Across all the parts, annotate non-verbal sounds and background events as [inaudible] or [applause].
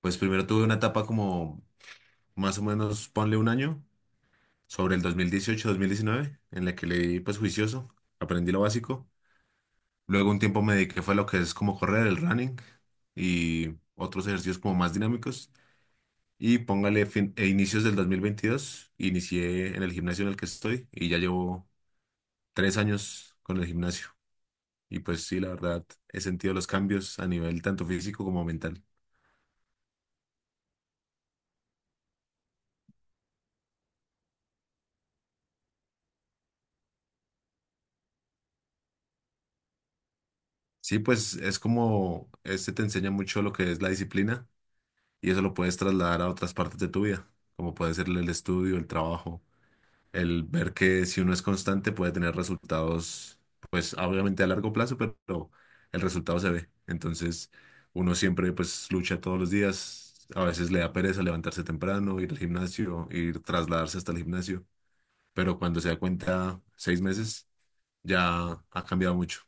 Pues primero tuve una etapa como más o menos, ponle un año, sobre el 2018 mil diecinueve, en la que leí pues juicioso, aprendí lo básico. Luego un tiempo me dediqué fue a lo que es como correr, el running y otros ejercicios como más dinámicos. Y póngale fin, e inicios del 2022 inicié en el gimnasio en el que estoy y ya llevo 3 años con el gimnasio. Y pues sí, la verdad, he sentido los cambios a nivel tanto físico como mental. Sí, pues es como, este te enseña mucho lo que es la disciplina. Y eso lo puedes trasladar a otras partes de tu vida, como puede ser el estudio, el trabajo, el ver que si uno es constante puede tener resultados, pues obviamente a largo plazo, pero el resultado se ve. Entonces, uno siempre pues lucha todos los días, a veces le da pereza levantarse temprano, ir al gimnasio, ir trasladarse hasta el gimnasio, pero cuando se da cuenta, 6 meses, ya ha cambiado mucho.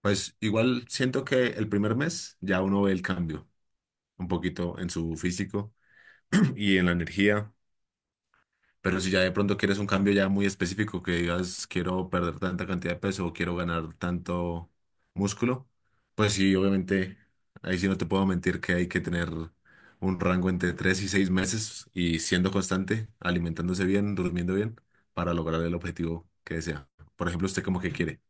Pues igual siento que el primer mes ya uno ve el cambio un poquito en su físico [clears throat] y en la energía. Pero si ya de pronto quieres un cambio ya muy específico, que digas quiero perder tanta cantidad de peso o quiero ganar tanto músculo, pues sí, obviamente, ahí sí no te puedo mentir que hay que tener un rango entre 3 y 6 meses y siendo constante, alimentándose bien, durmiendo bien, para lograr el objetivo que desea. Por ejemplo, usted como que quiere.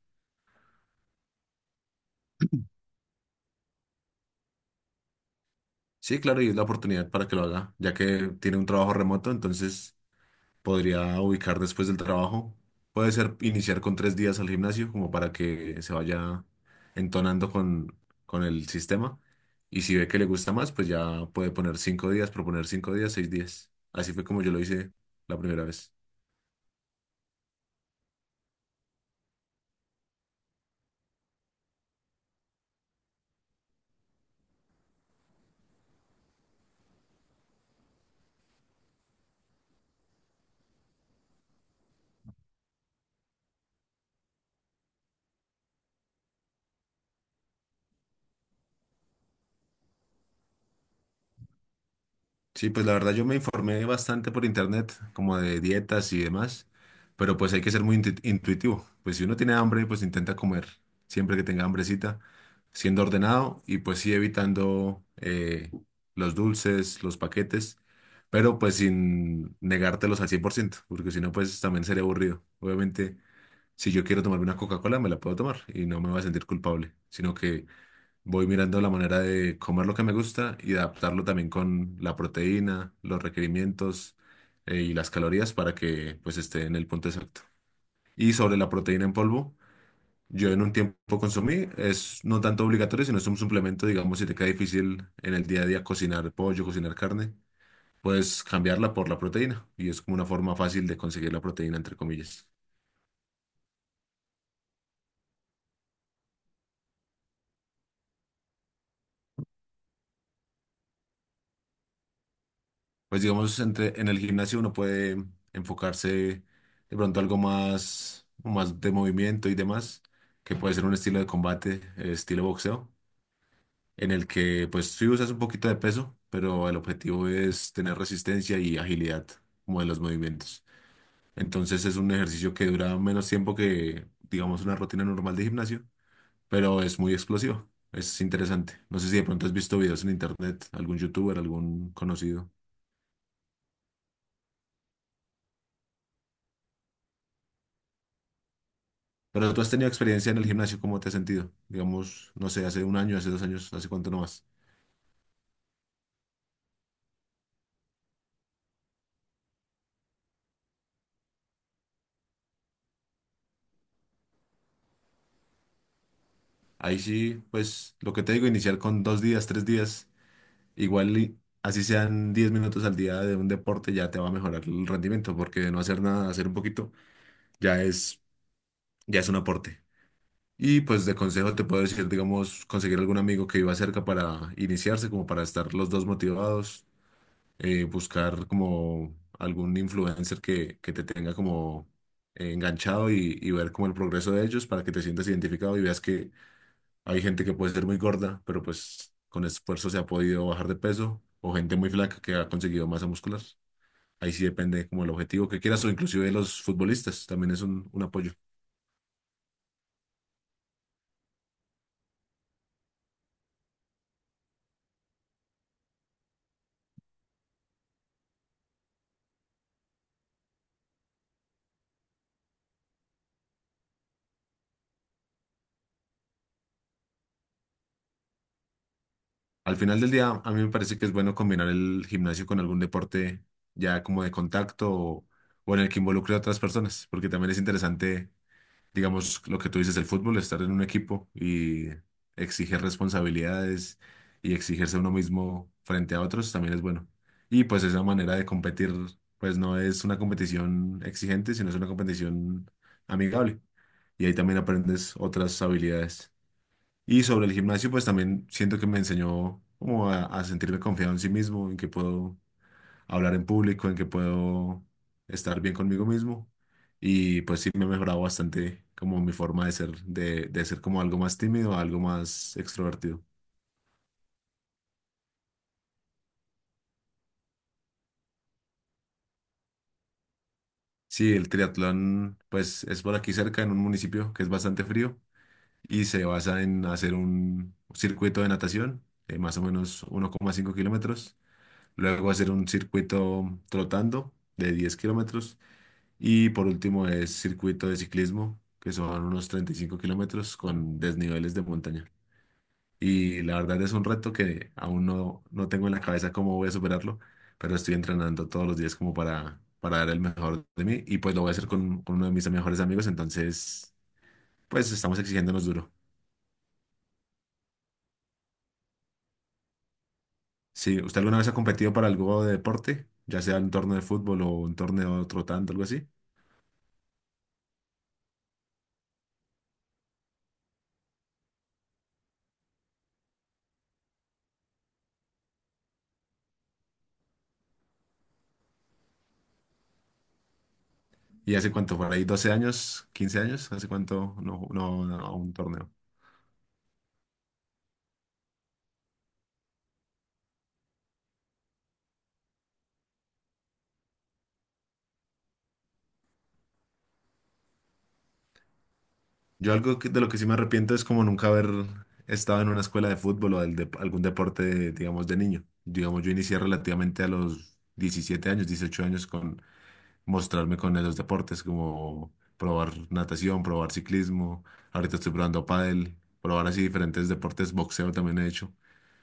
Sí, claro, y es la oportunidad para que lo haga, ya que tiene un trabajo remoto, entonces podría ubicar después del trabajo. Puede ser iniciar con 3 días al gimnasio, como para que se vaya entonando con el sistema. Y si ve que le gusta más, pues ya puede poner 5 días, proponer 5 días, 6 días. Así fue como yo lo hice la primera vez. Sí, pues la verdad yo me informé bastante por internet, como de dietas y demás, pero pues hay que ser muy intuitivo. Pues si uno tiene hambre, pues intenta comer siempre que tenga hambrecita, siendo ordenado y pues sí evitando los dulces, los paquetes, pero pues sin negártelos al 100%, porque si no, pues también sería aburrido. Obviamente, si yo quiero tomarme una Coca-Cola, me la puedo tomar y no me voy a sentir culpable, sino que voy mirando la manera de comer lo que me gusta y de adaptarlo también con la proteína, los requerimientos y las calorías para que pues esté en el punto exacto. Y sobre la proteína en polvo, yo en un tiempo consumí, es no tanto obligatorio, sino es un suplemento, digamos, si te queda difícil en el día a día cocinar pollo, cocinar carne, puedes cambiarla por la proteína y es como una forma fácil de conseguir la proteína, entre comillas. Pues digamos, en el gimnasio uno puede enfocarse de pronto algo más de movimiento y demás, que puede ser un estilo de combate, estilo boxeo, en el que pues sí usas un poquito de peso, pero el objetivo es tener resistencia y agilidad como de los movimientos. Entonces es un ejercicio que dura menos tiempo que, digamos, una rutina normal de gimnasio, pero es muy explosivo. Es interesante. No sé si de pronto has visto videos en internet, algún youtuber, algún conocido. Pero tú has tenido experiencia en el gimnasio, ¿cómo te has sentido? Digamos, no sé, hace un año, hace dos años, hace cuánto nomás. Ahí sí, pues lo que te digo, iniciar con 2 días, 3 días, igual y así sean 10 minutos al día de un deporte, ya te va a mejorar el rendimiento, porque de no hacer nada, hacer un poquito, ya es, ya es un aporte. Y pues de consejo te puedo decir, digamos, conseguir algún amigo que viva cerca para iniciarse, como para estar los dos motivados, buscar como algún influencer que te tenga como enganchado y ver como el progreso de ellos para que te sientas identificado y veas que hay gente que puede ser muy gorda, pero pues con esfuerzo se ha podido bajar de peso, o gente muy flaca que ha conseguido masa muscular. Ahí sí depende como el objetivo que quieras o inclusive de los futbolistas, también es un apoyo. Al final del día, a mí me parece que es bueno combinar el gimnasio con algún deporte ya como de contacto o en el que involucre a otras personas, porque también es interesante, digamos, lo que tú dices, el fútbol, estar en un equipo y exigir responsabilidades y exigirse a uno mismo frente a otros también es bueno. Y pues esa manera de competir, pues no es una competición exigente, sino es una competición amigable. Y ahí también aprendes otras habilidades. Y sobre el gimnasio, pues también siento que me enseñó como a sentirme confiado en sí mismo, en que puedo hablar en público, en que puedo estar bien conmigo mismo. Y pues sí me he mejorado bastante como mi forma de ser, de ser como algo más tímido, a algo más extrovertido. Sí, el triatlón pues es por aquí cerca en un municipio que es bastante frío y se basa en hacer un circuito de natación de más o menos 1,5 kilómetros, luego hacer un circuito trotando de 10 kilómetros. Y por último es circuito de ciclismo, que son unos 35 kilómetros con desniveles de montaña. Y la verdad es un reto que aún no tengo en la cabeza cómo voy a superarlo, pero estoy entrenando todos los días como para dar el mejor de mí. Y pues lo voy a hacer con uno de mis mejores amigos, entonces pues estamos exigiéndonos duro. Si usted alguna vez ha competido para algo de deporte, ya sea un torneo de fútbol o un torneo trotando, algo así. ¿Y hace cuánto? ¿Por ahí 12 años? ¿15 años? ¿Hace cuánto no a un torneo? Yo algo de lo que sí me arrepiento es como nunca haber estado en una escuela de fútbol o del algún deporte, digamos, de niño. Digamos, yo inicié relativamente a los 17 años, 18 años con mostrarme con los deportes, como probar natación, probar ciclismo. Ahorita estoy probando pádel, probar así diferentes deportes, boxeo también he hecho.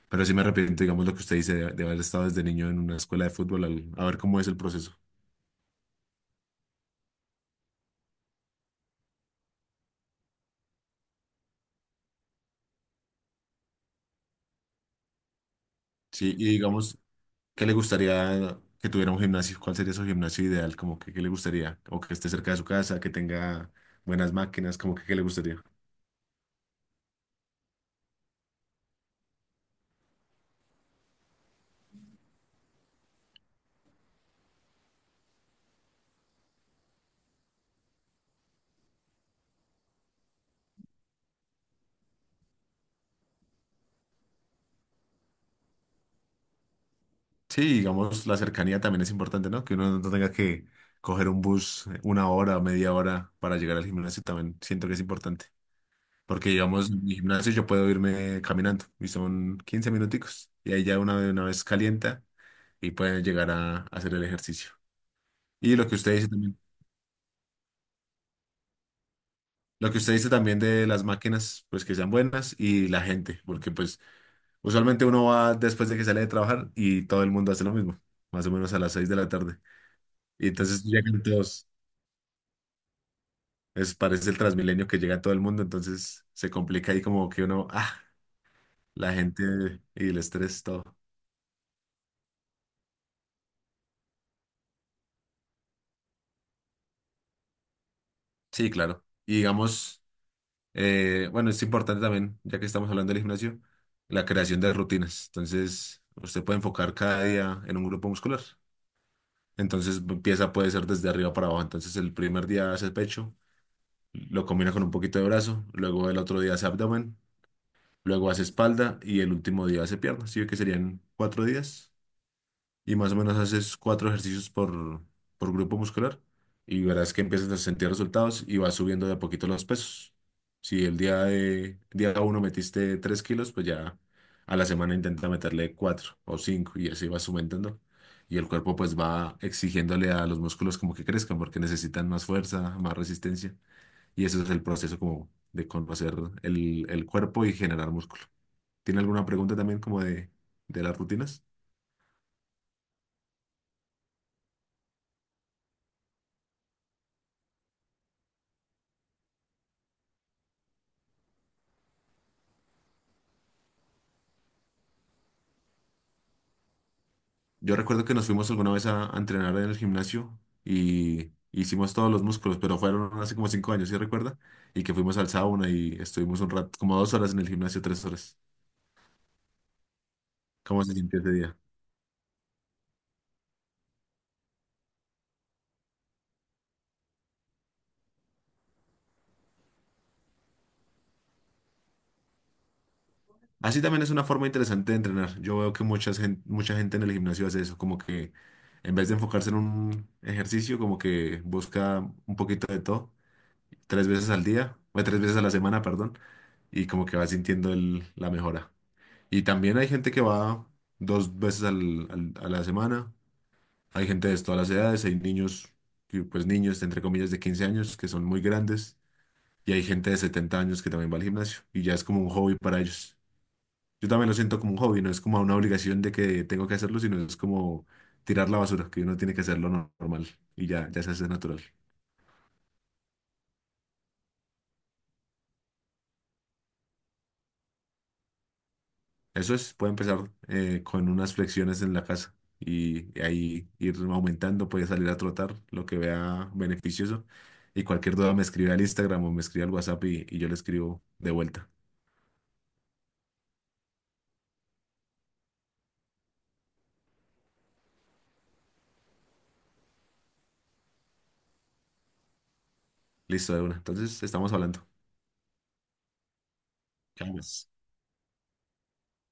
Pero sí me arrepiento, digamos, lo que usted dice de haber estado desde niño en una escuela de fútbol, a ver cómo es el proceso. Sí, y digamos, ¿qué le gustaría que tuviera un gimnasio? ¿Cuál sería su gimnasio ideal? Como que, ¿qué le gustaría? O que esté cerca de su casa, que tenga buenas máquinas, como que, ¿qué le gustaría? Sí, digamos, la cercanía también es importante, ¿no? Que uno no tenga que coger un bus una hora, media hora para llegar al gimnasio, también siento que es importante. Porque, digamos, en mi gimnasio yo puedo irme caminando y son 15 minuticos y ahí ya una vez calienta y puede llegar a hacer el ejercicio. Y lo que usted dice también Lo que usted dice también de las máquinas, pues que sean buenas y la gente, porque pues usualmente uno va después de que sale de trabajar y todo el mundo hace lo mismo, más o menos a las 6 de la tarde. Y entonces llegan todos, es, parece el Transmilenio que llega todo el mundo, entonces se complica ahí como que uno, la gente y el estrés, todo. Sí, claro. Y digamos, bueno, es importante también, ya que estamos hablando del gimnasio, la creación de rutinas. Entonces, usted puede enfocar cada día en un grupo muscular. Entonces empieza, puede ser desde arriba para abajo. Entonces el primer día hace pecho, lo combina con un poquito de brazo, luego el otro día hace abdomen, luego hace espalda y el último día hace piernas. Sí, que serían 4 días y más o menos haces cuatro ejercicios por grupo muscular y verás que empiezas a sentir resultados y vas subiendo de a poquito los pesos. Si el día día uno metiste 3 kilos, pues ya a la semana intenta meterle cuatro o cinco y así vas aumentando. Y el cuerpo pues va exigiéndole a los músculos como que crezcan porque necesitan más fuerza, más resistencia. Y eso es el proceso como de conocer el cuerpo y generar músculo. ¿Tiene alguna pregunta también como de las rutinas? Yo recuerdo que nos fuimos alguna vez a entrenar en el gimnasio y hicimos todos los músculos, pero fueron hace como 5 años, ¿sí recuerda? Y que fuimos al sauna y estuvimos un rato, como 2 horas en el gimnasio, 3 horas. ¿Cómo se sintió ese día? Así también es una forma interesante de entrenar. Yo veo que mucha gente en el gimnasio hace eso, como que en vez de enfocarse en un ejercicio, como que busca un poquito de todo, tres veces al día, o tres veces a la semana, perdón, y como que va sintiendo la mejora. Y también hay gente que va dos veces a la semana. Hay gente de todas las edades. Hay niños, que, pues niños, entre comillas, de 15 años que son muy grandes. Y hay gente de 70 años que también va al gimnasio. Y ya es como un hobby para ellos. Yo también lo siento como un hobby. No es como una obligación de que tengo que hacerlo, sino es como tirar la basura, que uno tiene que hacerlo normal. Y ya, ya se hace natural. Eso es, puede empezar con unas flexiones en la casa y ahí ir aumentando, puede salir a trotar, lo que vea beneficioso. Y cualquier duda me escribe al Instagram o me escribe al WhatsApp y yo le escribo de vuelta. Listo, de una. Entonces, estamos hablando. Chao, pues.